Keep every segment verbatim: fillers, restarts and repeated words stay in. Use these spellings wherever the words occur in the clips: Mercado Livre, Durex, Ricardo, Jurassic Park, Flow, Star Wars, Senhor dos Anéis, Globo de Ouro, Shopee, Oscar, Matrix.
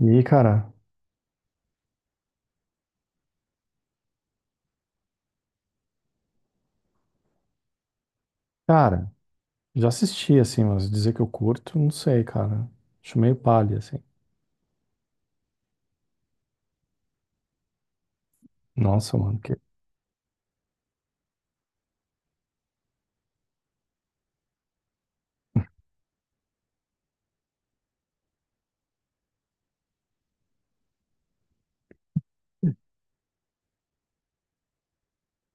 E, cara, cara, já assisti, assim, mas dizer que eu curto, não sei, cara. Acho meio palha, assim. Nossa, mano, que...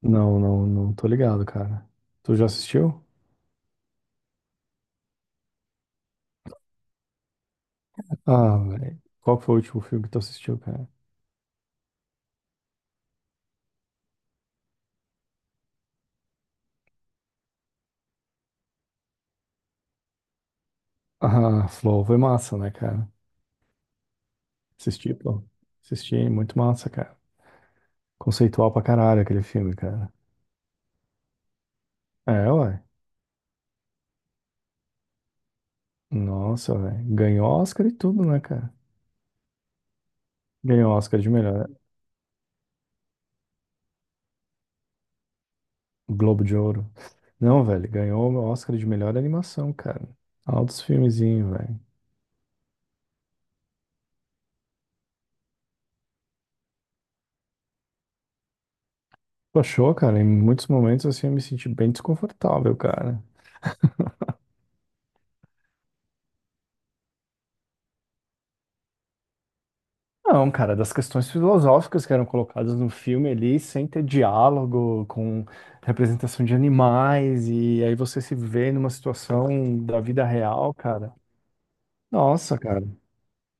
Não, não, não tô ligado, cara. Tu já assistiu? Ah, velho. Qual que foi o último filme que tu assistiu, cara? Ah, Flow foi massa, né, cara? Assisti, pô. Assisti, muito massa, cara. Conceitual pra caralho aquele filme, cara. É, ué. Nossa, velho. Ganhou Oscar e tudo, né, cara? Ganhou Oscar de melhor. Globo de Ouro. Não, velho, ganhou o Oscar de melhor animação, cara. Altos filmezinhos, velho. Tu achou, cara? Em muitos momentos, assim, eu me senti bem desconfortável, cara. Não, cara, das questões filosóficas que eram colocadas no filme ali, sem ter diálogo, com representação de animais, e aí você se vê numa situação da vida real, cara. Nossa, cara.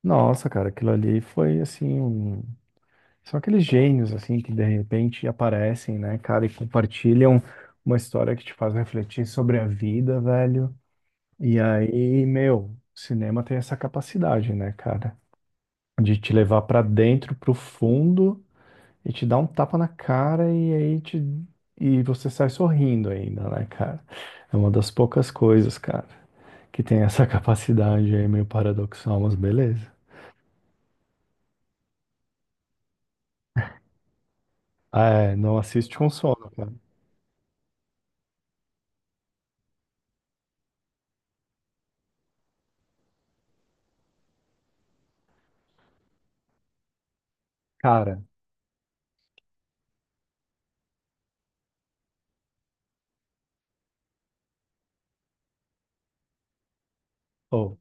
Nossa, cara, aquilo ali foi, assim, um- São aqueles gênios, assim, que de repente aparecem, né, cara, e compartilham uma história que te faz refletir sobre a vida, velho. E aí, meu, o cinema tem essa capacidade, né, cara, de te levar pra dentro, pro fundo, e te dar um tapa na cara, e aí te... e você sai sorrindo ainda, né, cara? É uma das poucas coisas, cara, que tem essa capacidade aí, meio paradoxal, mas beleza. Ah, é, não assiste com sono, cara. Cara, ô.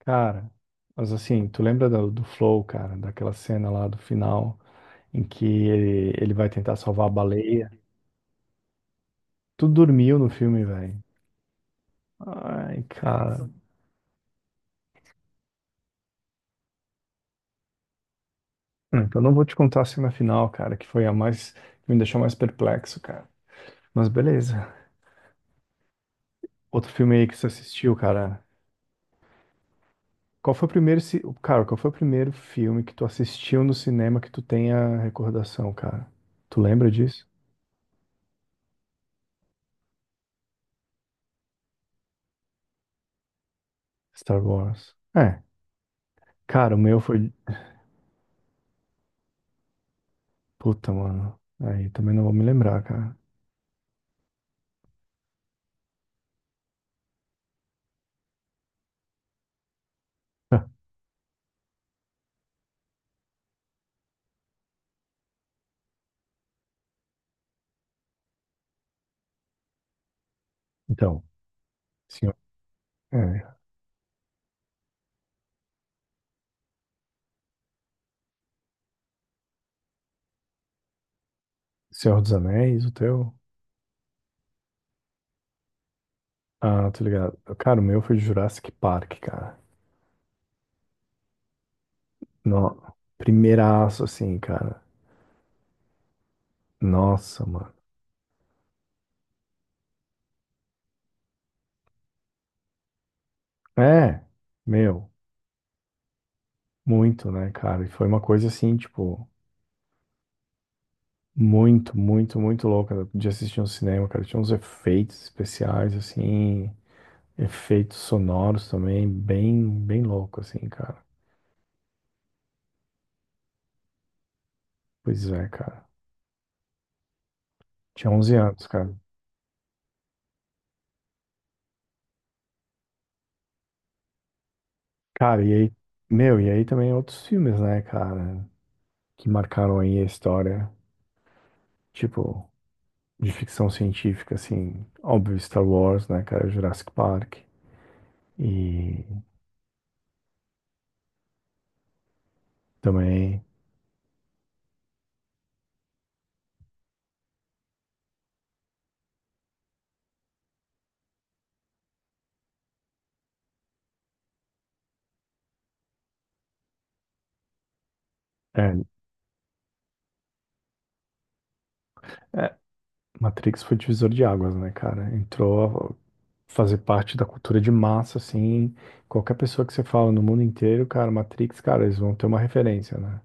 Cara, mas assim, tu lembra do, do Flow, cara, daquela cena lá do final em que ele, ele vai tentar salvar a baleia? Tu dormiu no filme, velho. Ai, cara. Hum, então eu não vou te contar a cena final, cara, que foi a mais, que me deixou mais perplexo, cara. Mas beleza. Outro filme aí que você assistiu, cara. Qual foi o primeiro, ci- cara, qual foi o primeiro filme que tu assistiu no cinema que tu tenha recordação, cara? Tu lembra disso? Star Wars. É, cara, o meu foi. Puta, mano. Aí também não vou me lembrar, cara. Então, Senhor, é, Senhor dos Anéis, o teu? Ah, tô ligado. Cara, o meu foi Jurassic Park, cara. No... Primeiraço, assim, cara. Nossa, mano. É, meu, muito, né, cara? E foi uma coisa assim, tipo, muito, muito, muito louca de assistir no cinema, cara. Tinha uns efeitos especiais, assim, efeitos sonoros também, bem, bem louco, assim, cara. Pois é, cara. Tinha onze anos, cara. Cara, e aí, meu, e aí também outros filmes, né, cara, que marcaram aí a história, tipo, de ficção científica, assim, óbvio, Star Wars, né, cara, Jurassic Park, e também, é, é, Matrix foi divisor de águas, né, cara, entrou a fazer parte da cultura de massa, assim, qualquer pessoa que você fala no mundo inteiro, cara, Matrix, cara, eles vão ter uma referência, né.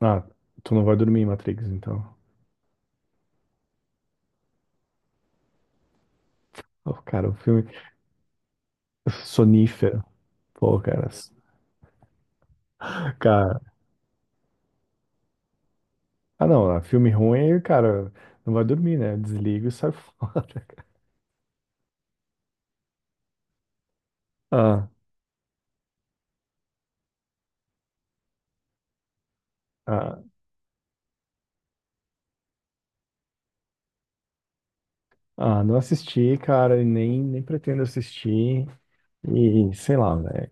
Ah, tu não vai dormir, Matrix, então. Oh, cara, o filme sonífero, pô, cara. Ah, não, ah, filme ruim, cara, não vai dormir, né? Desliga e sai fora, cara. Ah, ah, ah, não assisti, cara, e nem, nem pretendo assistir. E sei lá, né?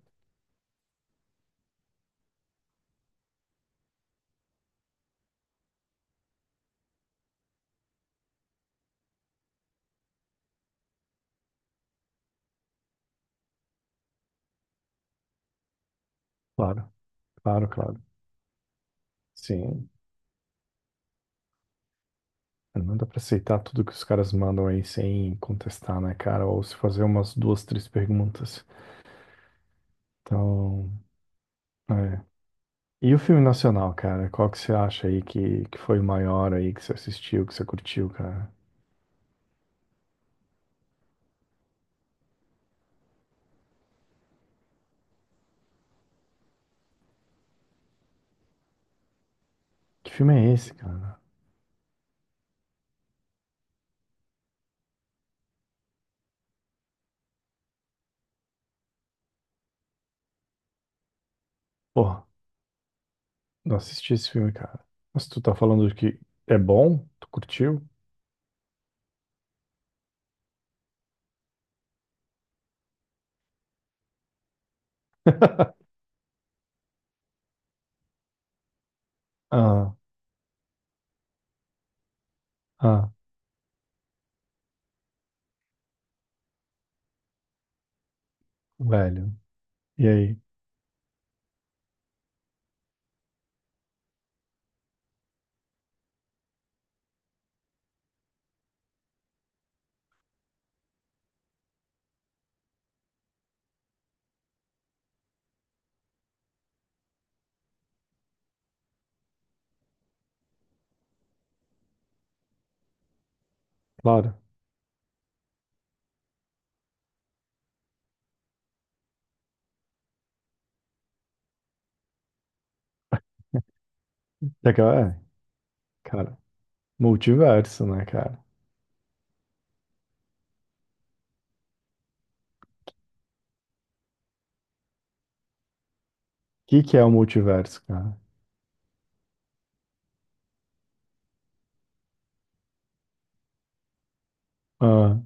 Claro, claro, claro. Sim, não dá pra aceitar tudo que os caras mandam aí sem contestar, né, cara? Ou se fazer umas duas, três perguntas. Então, é. E o filme nacional, cara? Qual que você acha aí que, que foi o maior aí que você assistiu, que você curtiu, cara? Que filme é esse, cara? Pô. Não assisti esse filme, cara. Mas tu tá falando que é bom? Tu curtiu? Ah, ah, velho. E aí? Claro. É que, é, cara, multiverso, né, cara? O que que é o multiverso, cara? Ah,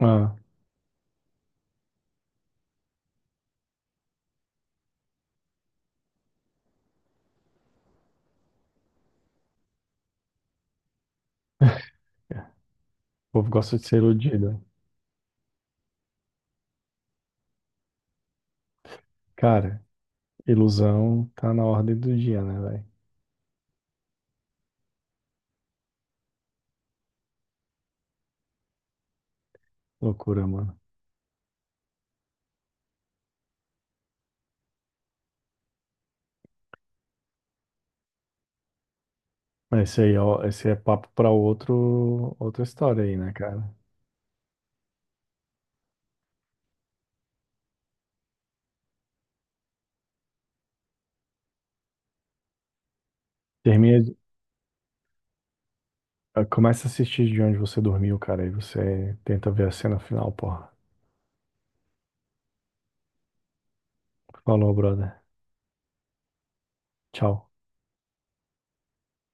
ah. O povo gosta de ser iludido. Cara, ilusão tá na ordem do dia, né, velho? Loucura, mano. Mas esse aí, ó, esse é papo pra outro, outra história aí, né, cara? Termina, Ah, começa a assistir de onde você dormiu, cara, e você tenta ver a cena final, porra. Falou, brother. Tchau.